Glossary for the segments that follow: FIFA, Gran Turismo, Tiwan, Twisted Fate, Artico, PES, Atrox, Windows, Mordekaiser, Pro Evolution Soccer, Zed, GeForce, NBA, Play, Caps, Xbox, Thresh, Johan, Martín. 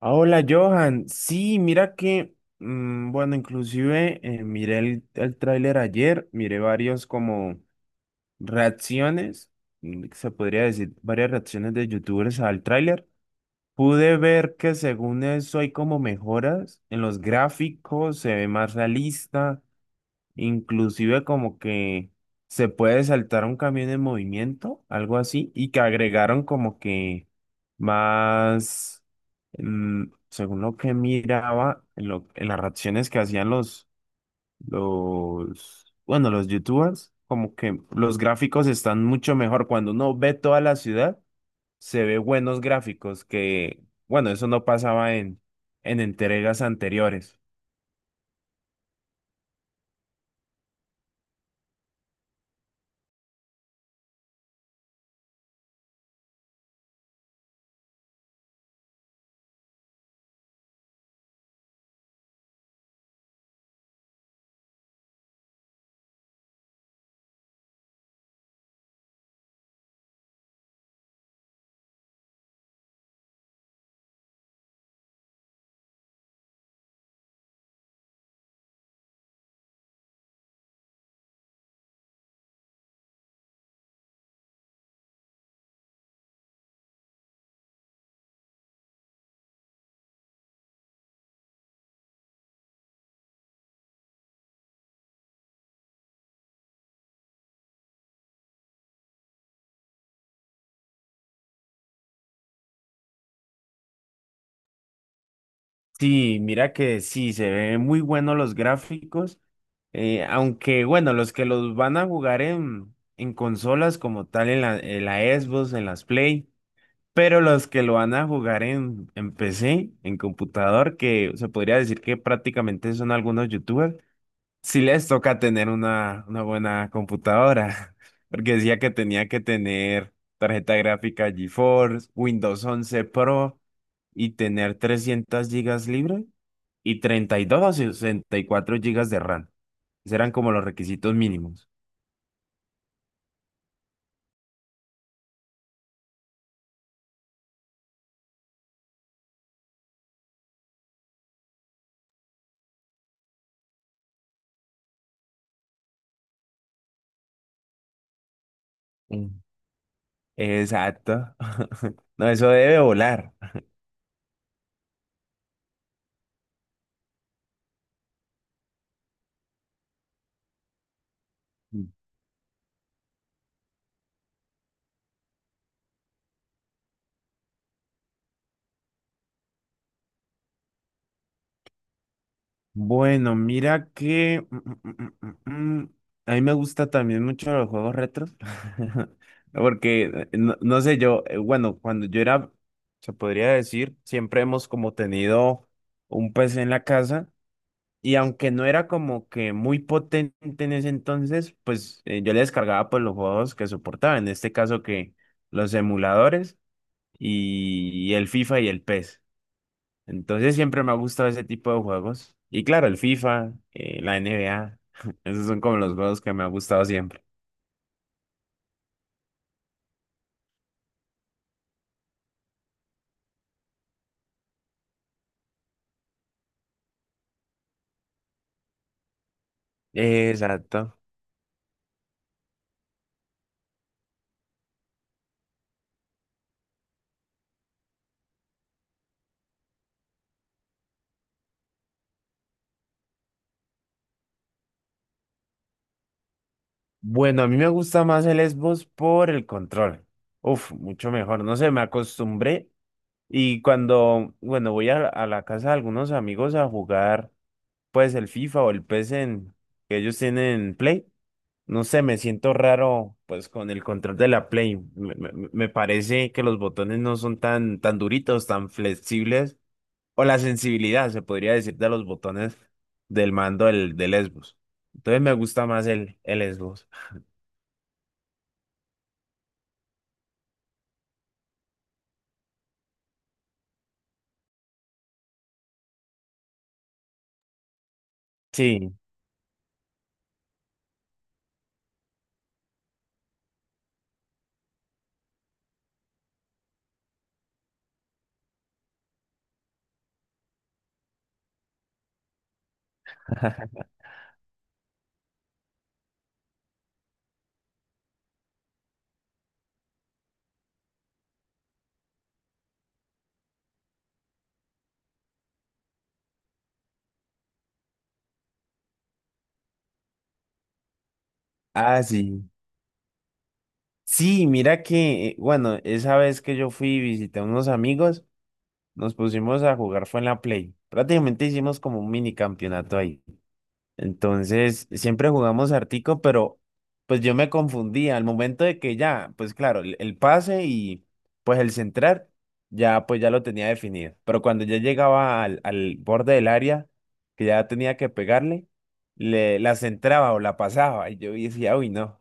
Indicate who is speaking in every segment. Speaker 1: Ah, hola Johan. Sí, mira que, bueno, inclusive miré el tráiler ayer, miré varios como reacciones. Se podría decir varias reacciones de youtubers al tráiler. Pude ver que según eso hay como mejoras en los gráficos, se ve más realista, inclusive como que se puede saltar un camión en movimiento, algo así, y que agregaron como que más. mm, Según lo que miraba, en, en las reacciones que hacían bueno, los youtubers, como que los gráficos están mucho mejor. Cuando uno ve toda la ciudad, se ve buenos gráficos que, bueno, eso no pasaba en entregas anteriores. Sí, mira que sí, se ven muy buenos los gráficos. Aunque bueno, los que los van a jugar en consolas como tal, en la Xbox, en las Play, pero los que lo van a jugar en PC, en computador, que se podría decir que prácticamente son algunos youtubers, si les toca tener una buena computadora. Porque decía que tenía que tener tarjeta gráfica GeForce, Windows 11 Pro y tener 300 gigas libres y 32 o 64 gigas de RAM. Esos eran como los requisitos mínimos. Mm. Exacto. No, eso debe volar. Bueno, mira que mm, mm, mm, mm, a mí me gusta también mucho los juegos retros. Porque no, no sé, bueno, cuando yo era, se podría decir, siempre hemos como tenido un PC en la casa y aunque no era como que muy potente en ese entonces, pues yo le descargaba pues los juegos que soportaba, en este caso que los emuladores y el FIFA y el PES. Entonces siempre me ha gustado ese tipo de juegos. Y claro, el FIFA, la NBA. Esos son como los juegos que me ha gustado siempre. Exacto. Bueno, a mí me gusta más el Xbox por el control. Uf, mucho mejor. No sé, me acostumbré. Y cuando, bueno, voy a la casa de algunos amigos a jugar, pues el FIFA o el PES que ellos tienen en Play. No sé, me siento raro pues con el control de la Play. Me parece que los botones no son tan duritos, tan flexibles. O la sensibilidad, se podría decir, de los botones del mando del Xbox. Entonces me gusta más el Xbox. Sí, ah, sí. Sí, mira que, bueno, esa vez que yo fui y visité a unos amigos, nos pusimos a jugar fue en la Play. Prácticamente hicimos como un mini campeonato ahí. Entonces, siempre jugamos Artico, pero pues yo me confundía al momento de que ya, pues claro, el pase y pues el centrar, ya pues ya lo tenía definido. Pero cuando ya llegaba al borde del área, que ya tenía que pegarle, la centraba o la pasaba y yo decía, uy, no.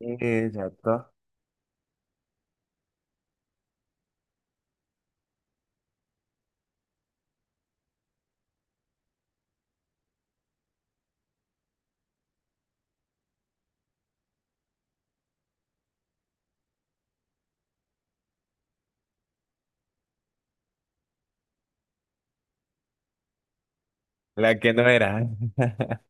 Speaker 1: Exacto. La que no era.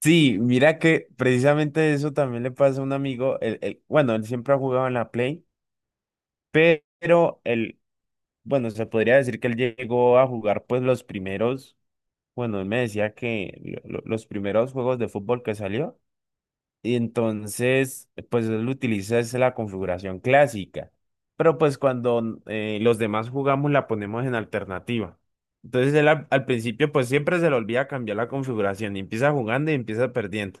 Speaker 1: Sí, mira que precisamente eso también le pasa a un amigo. Bueno, él siempre ha jugado en la Play, pero él, bueno, se podría decir que él llegó a jugar pues los primeros, bueno, él me decía que los primeros juegos de fútbol que salió, y entonces pues él utiliza es la configuración clásica, pero pues cuando los demás jugamos la ponemos en alternativa. Entonces él al principio pues siempre se le olvida cambiar la configuración y empieza jugando y empieza perdiendo.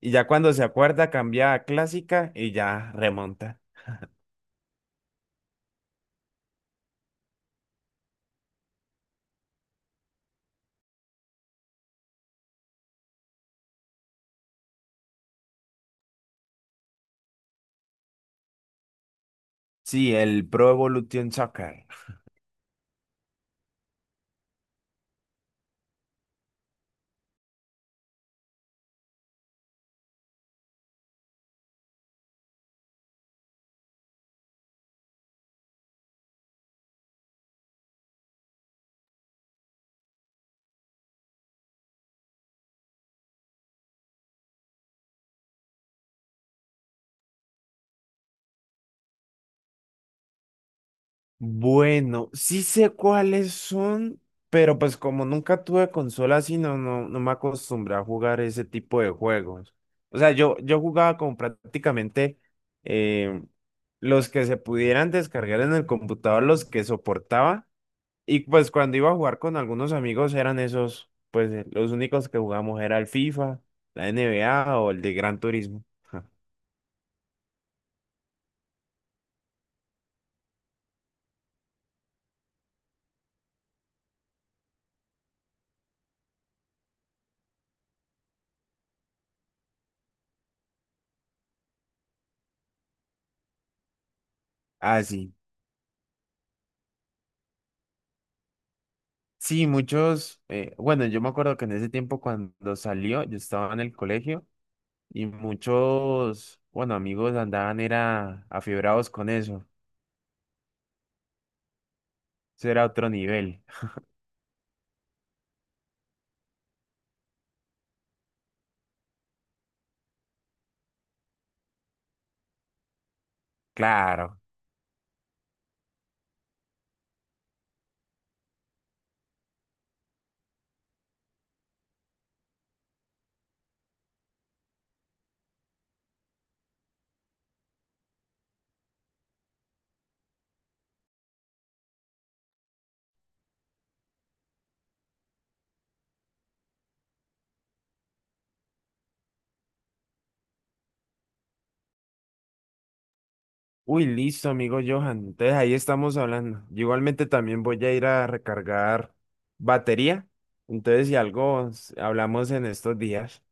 Speaker 1: Y ya cuando se acuerda cambia a clásica y ya remonta. Sí, el Pro Evolution Soccer. Bueno, sí sé cuáles son, pero pues como nunca tuve consola así, no, no, no me acostumbré a jugar ese tipo de juegos. O sea, yo jugaba como prácticamente eh, los que se pudieran descargar en el computador, los que soportaba. Y pues cuando iba a jugar con algunos amigos eran esos, pues los únicos que jugamos era el FIFA, la NBA o el de Gran Turismo. Ah, sí. Sí, muchos, bueno, yo me acuerdo que en ese tiempo cuando salió, yo estaba en el colegio y muchos, bueno, amigos andaban era afibrados con eso. Eso era otro nivel. Claro. Uy, listo, amigo Johan. Entonces ahí estamos hablando. Yo igualmente también voy a ir a recargar batería. Entonces, si algo, hablamos en estos días.